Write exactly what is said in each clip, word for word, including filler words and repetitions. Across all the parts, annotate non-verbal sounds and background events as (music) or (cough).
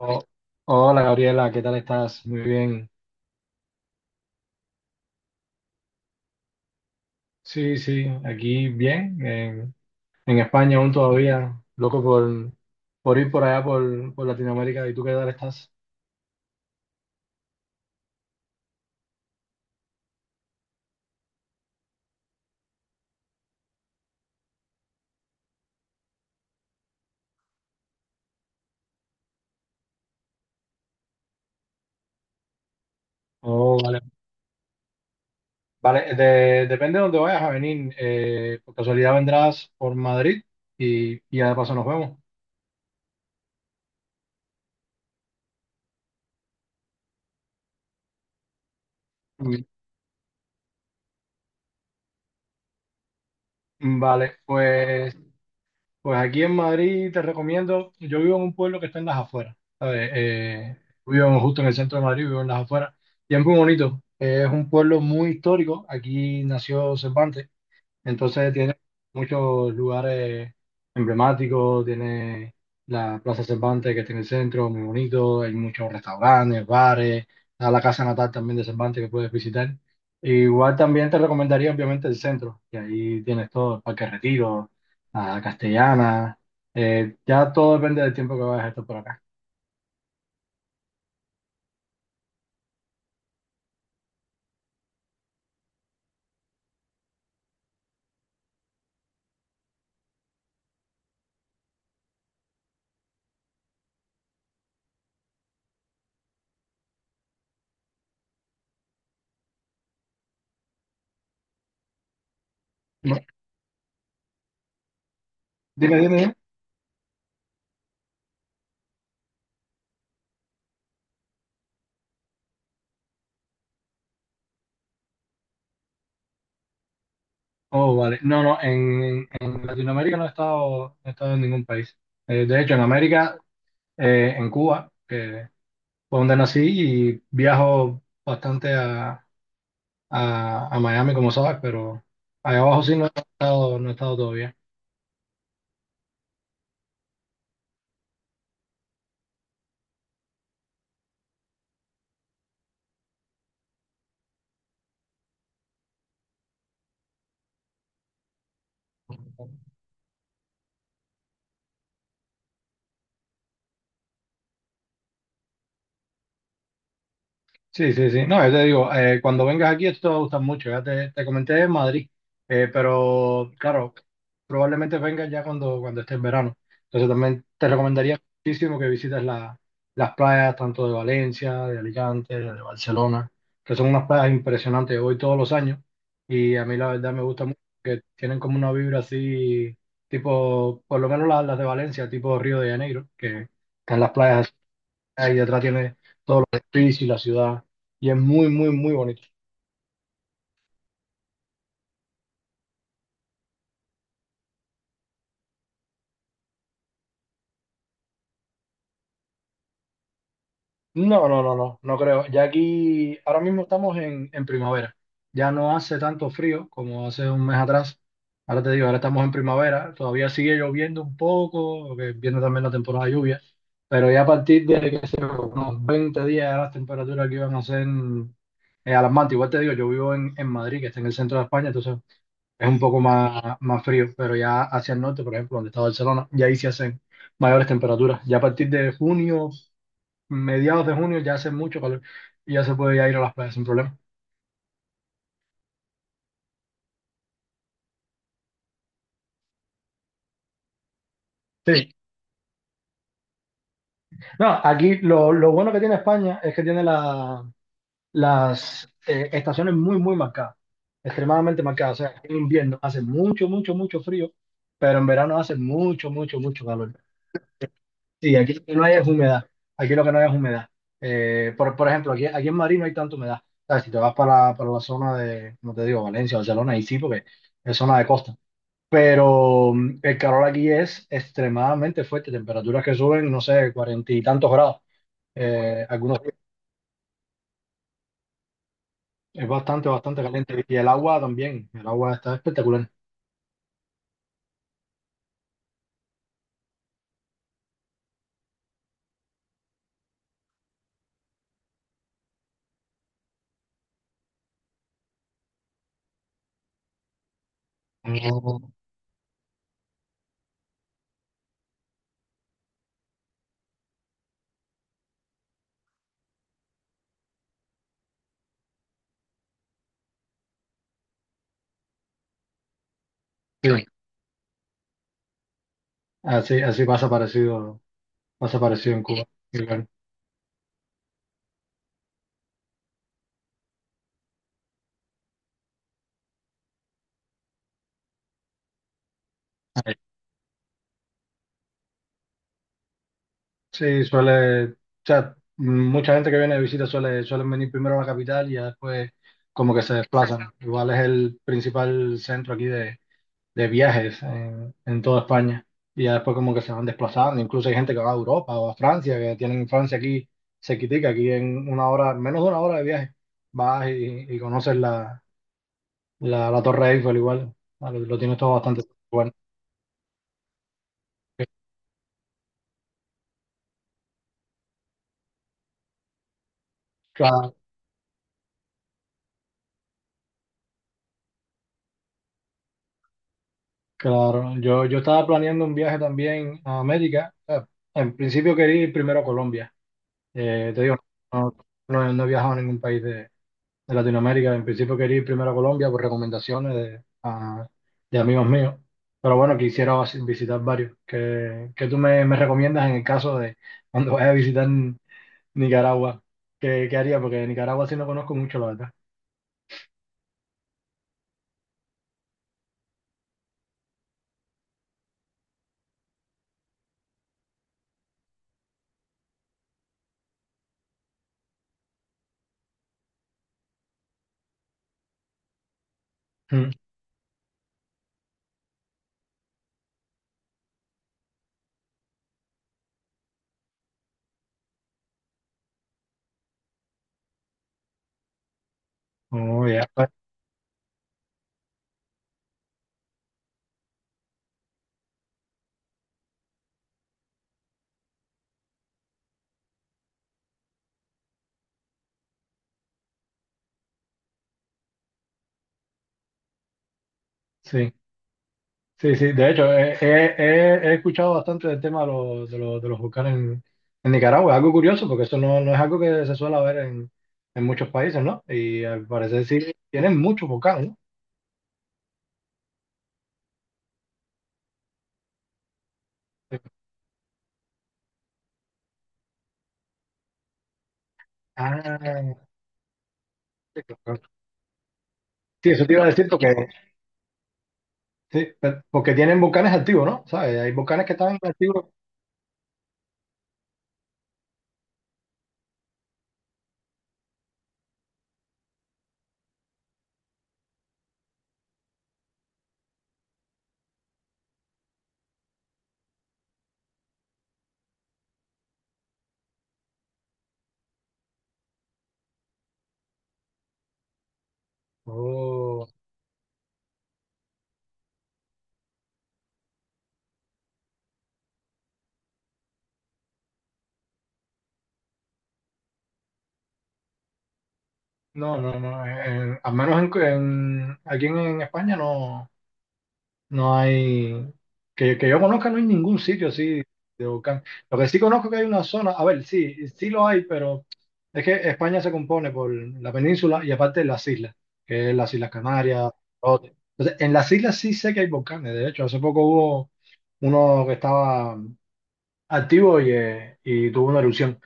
Oh, hola Gabriela, ¿qué tal estás? Muy bien. Sí, sí, aquí bien. En, en España aún todavía, loco por, por ir por allá, por, por Latinoamérica. ¿Y tú qué tal estás? Oh, vale. Vale, de- depende de dónde vayas a venir. Eh, por casualidad vendrás por Madrid y, y ya de paso nos vemos. Mm, Vale, pues pues aquí en Madrid te recomiendo, yo vivo en un pueblo que está en las afueras, ¿sabes? Eh, vivo en- justo en el centro de Madrid, vivo en las afueras, y es muy bonito. Eh, es un pueblo muy histórico, aquí nació Cervantes, entonces tiene muchos lugares emblemáticos, tiene la Plaza Cervantes que tiene el centro, muy bonito, hay muchos restaurantes, bares, está la casa natal también de Cervantes que puedes visitar. Igual también te recomendaría obviamente el centro, que ahí tienes todo, el Parque Retiro, la Castellana, eh, ya todo depende del tiempo que vayas a estar por acá. No, dime, dime, dime. Oh, vale. No, no, en, en Latinoamérica no he estado, no he estado en ningún país. Eh, de hecho, en América eh, en Cuba, que fue donde nací y viajo bastante a, a- a Miami, como sabes, pero allá abajo sí no he estado, no he estado todavía. Sí, sí, sí. No, yo te digo, eh, cuando vengas aquí esto te va a gustar mucho. Ya te, te comenté en Madrid. Eh, pero claro, probablemente vengas ya cuando, cuando esté en verano. Entonces también te recomendaría muchísimo que visites la- las playas tanto de Valencia, de Alicante, de Barcelona, que son unas playas impresionantes. Yo voy todos los años y a mí la verdad me gusta mucho que tienen como una vibra así, tipo, por lo menos las, las de Valencia, tipo Río de Janeiro, que están las playas. Ah, y detrás tiene todos los edificios y la ciudad. Y es muy, muy, muy bonito. No, no, no, no, no creo. Ya aquí, ahora mismo estamos en, en primavera. Ya no hace tanto frío como hace un mes atrás. Ahora te digo, ahora estamos en primavera. Todavía sigue lloviendo un poco, que viene también la temporada de lluvia. Pero ya a partir de, qué sé yo, unos veinte días, ya las temperaturas aquí van a ser eh, alarmantes. Igual te digo, yo vivo en, en Madrid, que está en el centro de España, entonces es un poco más, más frío, pero ya hacia el norte, por ejemplo, donde está Barcelona, ya ahí se hacen mayores temperaturas. Ya a partir de junio, mediados de junio, ya hace mucho calor y ya se puede ya ir a las playas sin problema. Sí. No, aquí lo, lo bueno que tiene España es que tiene la- las eh, estaciones muy, muy marcadas, extremadamente marcadas. O sea, en invierno hace mucho, mucho, mucho frío, pero en verano hace mucho, mucho, mucho calor. Sí, aquí lo que no hay es humedad. Aquí lo que no hay es humedad. Eh, por, por ejemplo, aquí, aquí en Madrid no hay tanta humedad. ¿Sabes? Si te vas para, para la zona de, no te digo, Valencia, Barcelona, ahí sí, porque es zona de costa. Pero mm, el calor aquí es extremadamente fuerte. Temperaturas que suben, no sé, cuarenta y tantos grados. Eh, algunos días. Es bastante, bastante caliente. Y el agua también. El agua está espectacular. No, sí, así, así pasa parecido, pasa parecido en Cuba. Sí, suele, o sea, mucha gente que viene de visita suele, suelen venir primero a la capital y ya después como que se desplazan. Igual es el principal centro aquí de, de viajes en, en toda España. Y ya después como que se van desplazando. Incluso hay gente que va a Europa o a Francia, que tienen Francia aquí cerquitica, aquí en una hora, menos de una hora de viaje. Vas y, y conoces la, la, la Torre Eiffel igual. Lo, lo tienes todo bastante bueno. Claro. Claro, yo, yo estaba planeando un viaje también a América. Eh, En principio quería ir primero a Colombia. Eh, te digo, no, no- no he viajado a ningún país de, de Latinoamérica. En principio quería ir primero a Colombia por recomendaciones de, a- de amigos míos. Pero bueno, quisiera vas- visitar varios. ¿Qué, qué tú me, me recomiendas en el caso de cuando vaya a visitar Nicaragua? ¿Qué, qué haría? Porque Nicaragua sí no conozco mucho, la verdad. Mm. Oh, ya. Sí. Sí, sí, de hecho, he, he- he- he escuchado bastante del tema de, los de, los de los volcanes en, en Nicaragua. Es algo curioso porque eso no, no es algo que se suele ver en, en muchos países, ¿no? Y al parecer sí tienen muchos volcanes, ¿no? Ah, sí, claro. Sí, eso te iba a decir porque, sí, pero- porque tienen volcanes activos, ¿no? ¿Sabes? Hay volcanes que están activos. Oh, no, no, no. en- en- al menos en, en- aquí en, en España no. No hay, que, que yo conozca, no hay ningún sitio así de volcán. Lo que sí conozco que hay una zona, a ver, sí, sí lo hay, pero es que España se compone por la península y aparte las islas, que es las Islas Canarias, Lanzarote. Entonces, en las islas sí sé que hay volcanes. De hecho, hace poco hubo uno que estaba activo y, eh, y tuvo una erupción.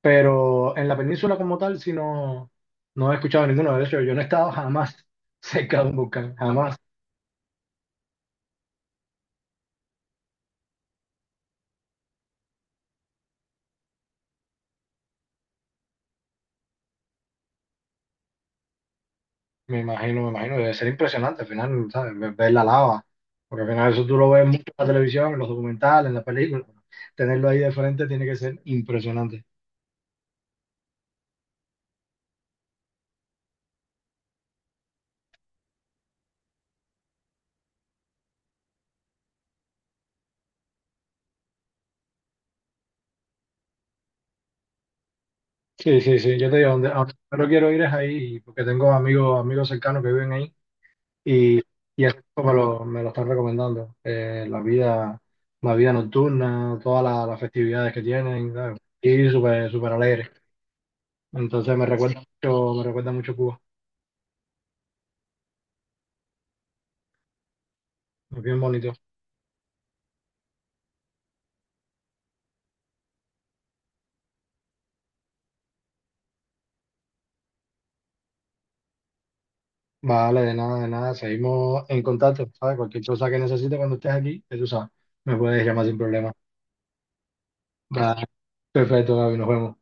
Pero en la península como tal, sí no, no he escuchado ninguno. De hecho, yo no he estado jamás (laughs) cerca de un volcán, jamás. Me imagino, me imagino, debe ser impresionante al final, ¿sabes? Ver, ver la lava, porque al final eso tú lo ves mucho en la televisión, en los documentales, en las películas. Tenerlo ahí de frente tiene que ser impresionante. Sí, sí, sí, yo te digo, donde, a donde primero quiero ir es ahí, porque tengo amigos, amigos cercanos que viven ahí y, y eso me lo, me lo están recomendando. Eh, la vida, la vida nocturna, todas la- las festividades que tienen, ¿sabes? Y súper, súper alegre. Entonces me recuerda mucho, me recuerda mucho Cuba. Es bien bonito. Vale, de nada, de nada. Seguimos en contacto, ¿sabes? Cualquier cosa que necesites cuando estés aquí, ya tú sabes, me puedes llamar sin problema. Vale, perfecto, Gaby, nos vemos.